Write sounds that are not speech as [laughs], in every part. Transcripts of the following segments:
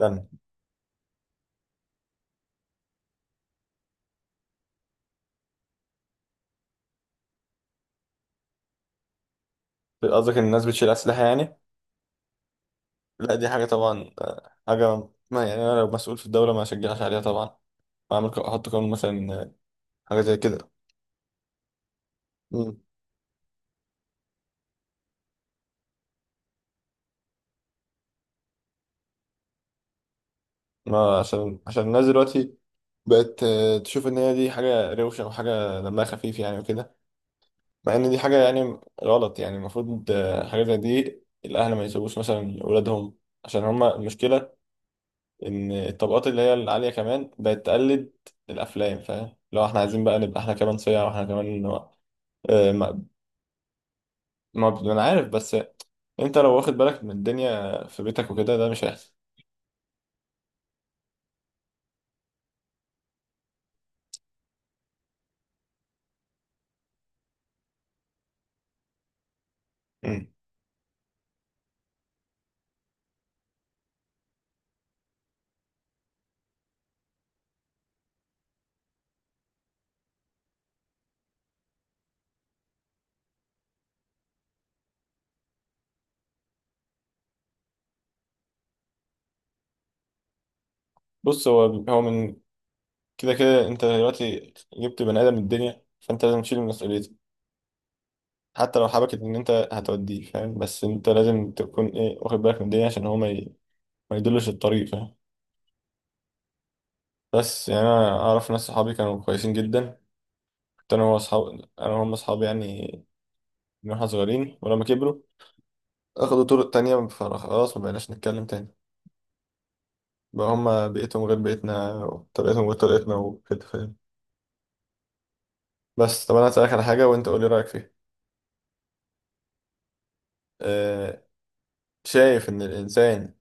يعني، قصدك ان الناس بتشيل اسلحه يعني؟ لا، دي حاجه طبعا، حاجه، ما يعني انا لو مسؤول في الدوله ما اشجعش عليها طبعا. ما اعمل احط قانون مثلا، حاجه زي كده. مم. ما عشان الناس دلوقتي بقت تشوف ان هي دي حاجه روشه وحاجه دمها خفيف، يعني وكده. مع ان دي حاجه يعني غلط، يعني المفروض حاجه زي دي، الاهل ما يسيبوش مثلا اولادهم عشان هما المشكله، ان الطبقات اللي هي العاليه كمان بقت تقلد الافلام، فاهم؟ لو احنا عايزين بقى نبقى احنا كمان صيع، واحنا كمان آه، ما ما انا عارف، بس انت لو واخد بالك من الدنيا في بيتك وكده، ده مش هيحصل. مم. بص، هو كده كده انت دلوقتي جبت بني ادم من الدنيا، فانت لازم تشيل مسؤوليته. حتى لو حبكت ان انت هتوديه، فاهم؟ بس انت لازم تكون ايه، واخد بالك من الدنيا، عشان هو ما يدلش الطريق، فاهم؟ بس يعني انا اعرف ناس صحابي كانوا كويسين جدا. كنت انا انا وهم اصحابي يعني، من واحنا صغيرين، ولما كبروا اخدوا طرق تانية، فخلاص ما بقيناش نتكلم تاني. بقى هما بيئتهم غير بيئتنا، وطريقتهم غير طريقتنا وكده، فاهم؟ بس طب انا هسألك على حاجة وانت قولي رأيك فيها. أه، شايف ان الانسان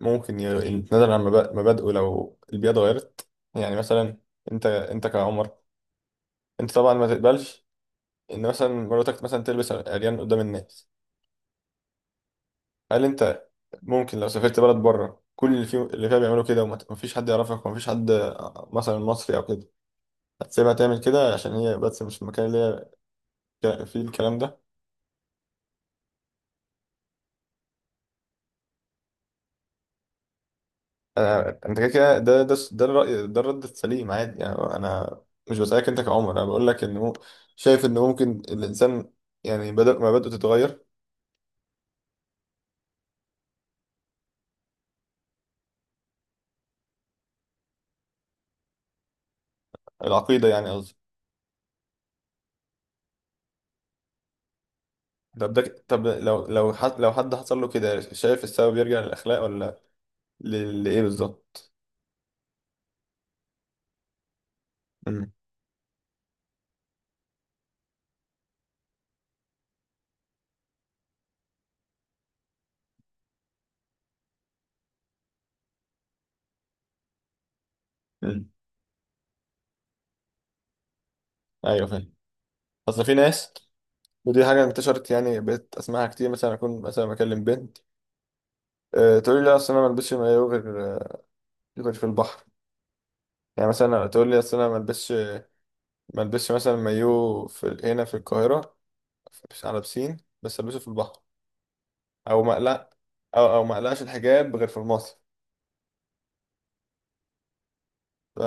ممكن يتنازل عن مبادئه لو البيئة اتغيرت. يعني مثلا، انت كعمر، انت طبعا ما تقبلش ان مثلا مراتك مثلا تلبس عريان قدام الناس. هل انت ممكن لو سافرت بلد بره، كل اللي فيها بيعملوا كده، ومفيش حد يعرفك، ومفيش حد مثلا مصري او كده، هتسيبها تعمل كده عشان هي، بس مش المكان اللي هي فيه الكلام ده؟ انت كده كده، ده الرأي، ده الرد السليم عادي، يعني انا مش بسألك انت كعمر. انا بقول لك انه شايف ان ممكن الانسان، يعني بدل ما بدأت تتغير، العقيدة يعني قصدي. طب لو حد حصل له كده، شايف السبب يرجع للأخلاق، ولا لإيه بالظبط؟ امم. امم. ايوه، فاهم. اصل في ناس، ودي حاجة انتشرت يعني، بقيت اسمعها كتير. مثلا اكون مثلا بكلم بنت، أه، تقول لي لا، اصل انا ما البسش مايو غير في البحر. يعني مثلا تقول لي اصل انا ما البسش مثلا مايو هنا في القاهرة، على بسين، بس البسه في البحر. او ما اقلق او او ما اقلقش الحجاب غير في المصيف. ف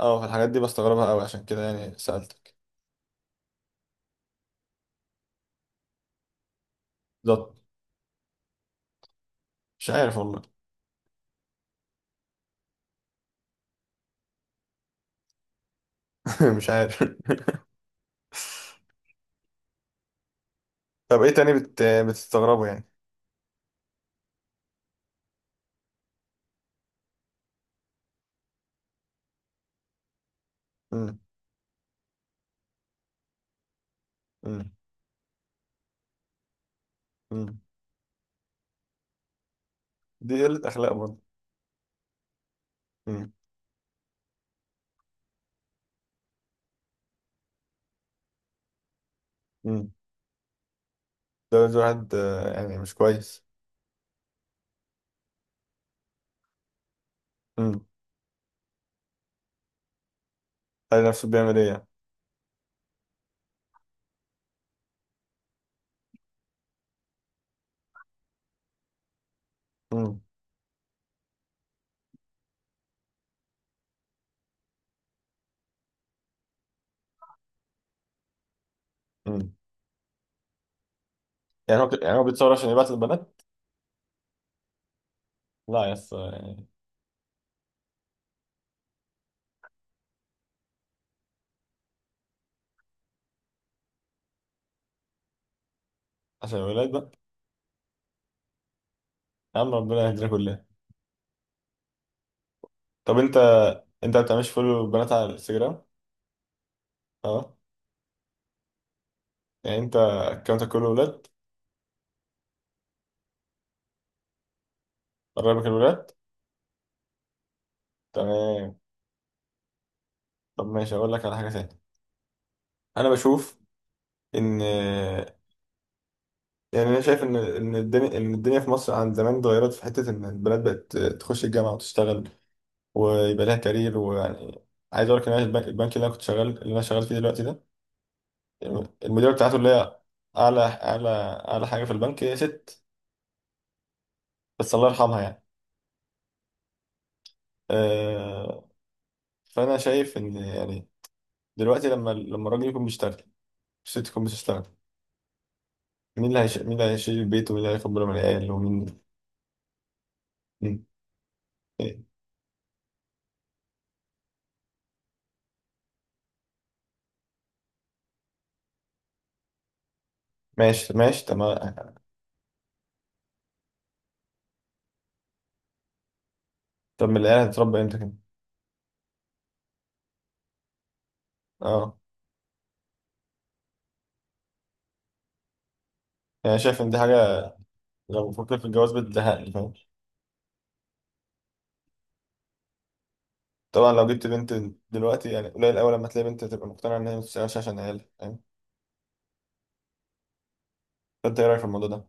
اه في الحاجات دي بستغربها قوي، عشان كده يعني سألتك. بالظبط. مش عارف والله. [laughs] مش عارف. [laughs] طب ايه تاني بتستغربه يعني؟ مم. مم. مم. دي قلة اخلاق برضه. مم. مم. ده واحد، يعني مش كويس. امم قال نفسه بيعمل ايه يعني؟ مم. مم. يعني هو بيتصور عشان يبعت البنات. لا يا اسطى يعني. عشان الولاد بقى. يا عم ربنا يهدينا كلنا. طب انت ما بتعملش فولو البنات على الانستجرام؟ اه. يعني انت اكونتك كله ولاد؟ قرايبك الولاد؟ تمام. طب ماشي، اقول لك على حاجه تانية. انا بشوف ان، يعني انا شايف ان الدنيا في مصر عن زمان اتغيرت في حته ان البنات بقت تخش الجامعه وتشتغل، ويبقى لها كارير، ويعني عايز اقول لك ان انا البنك اللي انا شغال فيه دلوقتي ده، المديره بتاعته، اللي هي اعلى اعلى اعلى حاجه في البنك، هي ست، بس الله يرحمها يعني. آه، فانا شايف ان يعني دلوقتي لما الراجل يكون بيشتغل، الست تكون بتشتغل، مين اللي هيشيل البيت، ومين اللي هياخد باله من العيال، ومين مين؟ إيه. ماشي، ماشي. طب ما العيال هتتربى امتى كده؟ اه يعني شايف ان دي حاجه، لو بفكر في الجواز بتزهقني، فاهم؟ طبعا لو جبت بنت، دلوقتي يعني قليل قوي لما تلاقي بنت تبقى مقتنعه ان هي ما بتشتغلش عشان عيالها، فاهم؟ فانت ايه رايك في الموضوع ده؟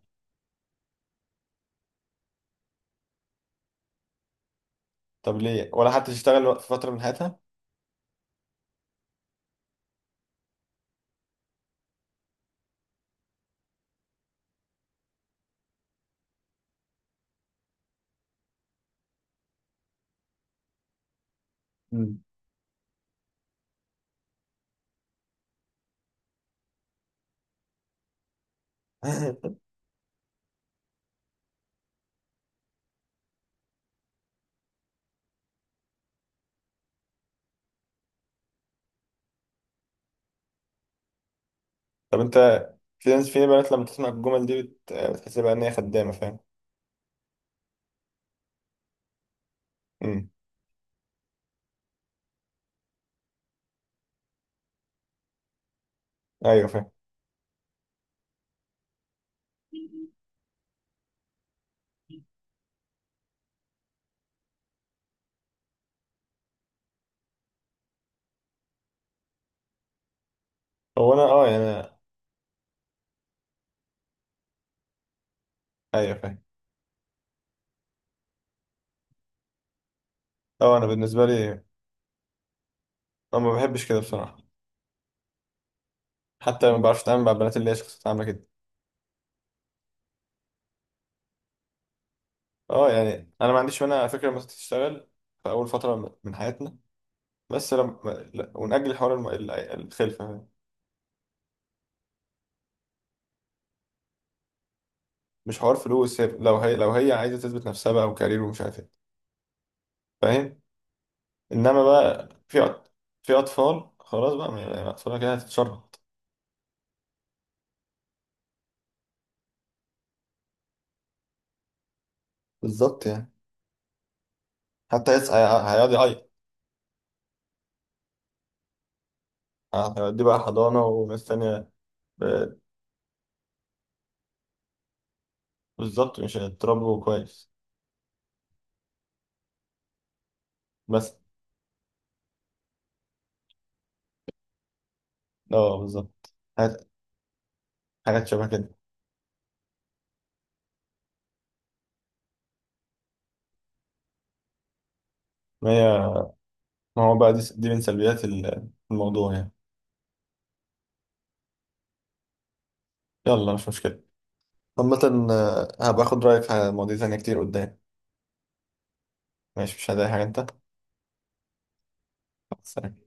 طب ليه؟ ولا حتى تشتغل في فتره من حياتها. مم. [laughs] طب انت، في ناس، في بنات لما تسمع الجمل دي بتحس بقى ان هي خدامه، فاهم؟ مم. ايوه فاهم. هو انا يعني. ايوه فاهم. اه، انا بالنسبه لي، انا ما بحبش كده بصراحه. حتى ما بعرفش اتعامل مع البنات اللي هي شخصيتها عامله كده. اه يعني انا ما عنديش مانع على فكره لما تشتغل في اول فتره من حياتنا، بس لما لا، ونأجل حوار الخلفه. مش حوار فلوس، لو هي عايزه تثبت نفسها بقى وكارير ومش عارف ايه، فاهم؟ انما بقى في اطفال خلاص بقى، ما اطفالها كده هتتشرط. بالظبط يعني. حتى هيقعد يعيط. هيوديه بقى حضانه وناس تانيه. بالظبط، مش هتضربه كويس بس. اه بالظبط. حاجات شبه كده. ما هي ما هو بقى، دي من سلبيات الموضوع يعني. يلا مش مشكلة. عامة، هبقى اخد رأيك في مواضيع تانية كتير قدام. ماشي مش هضايق حاجة انت. سلام.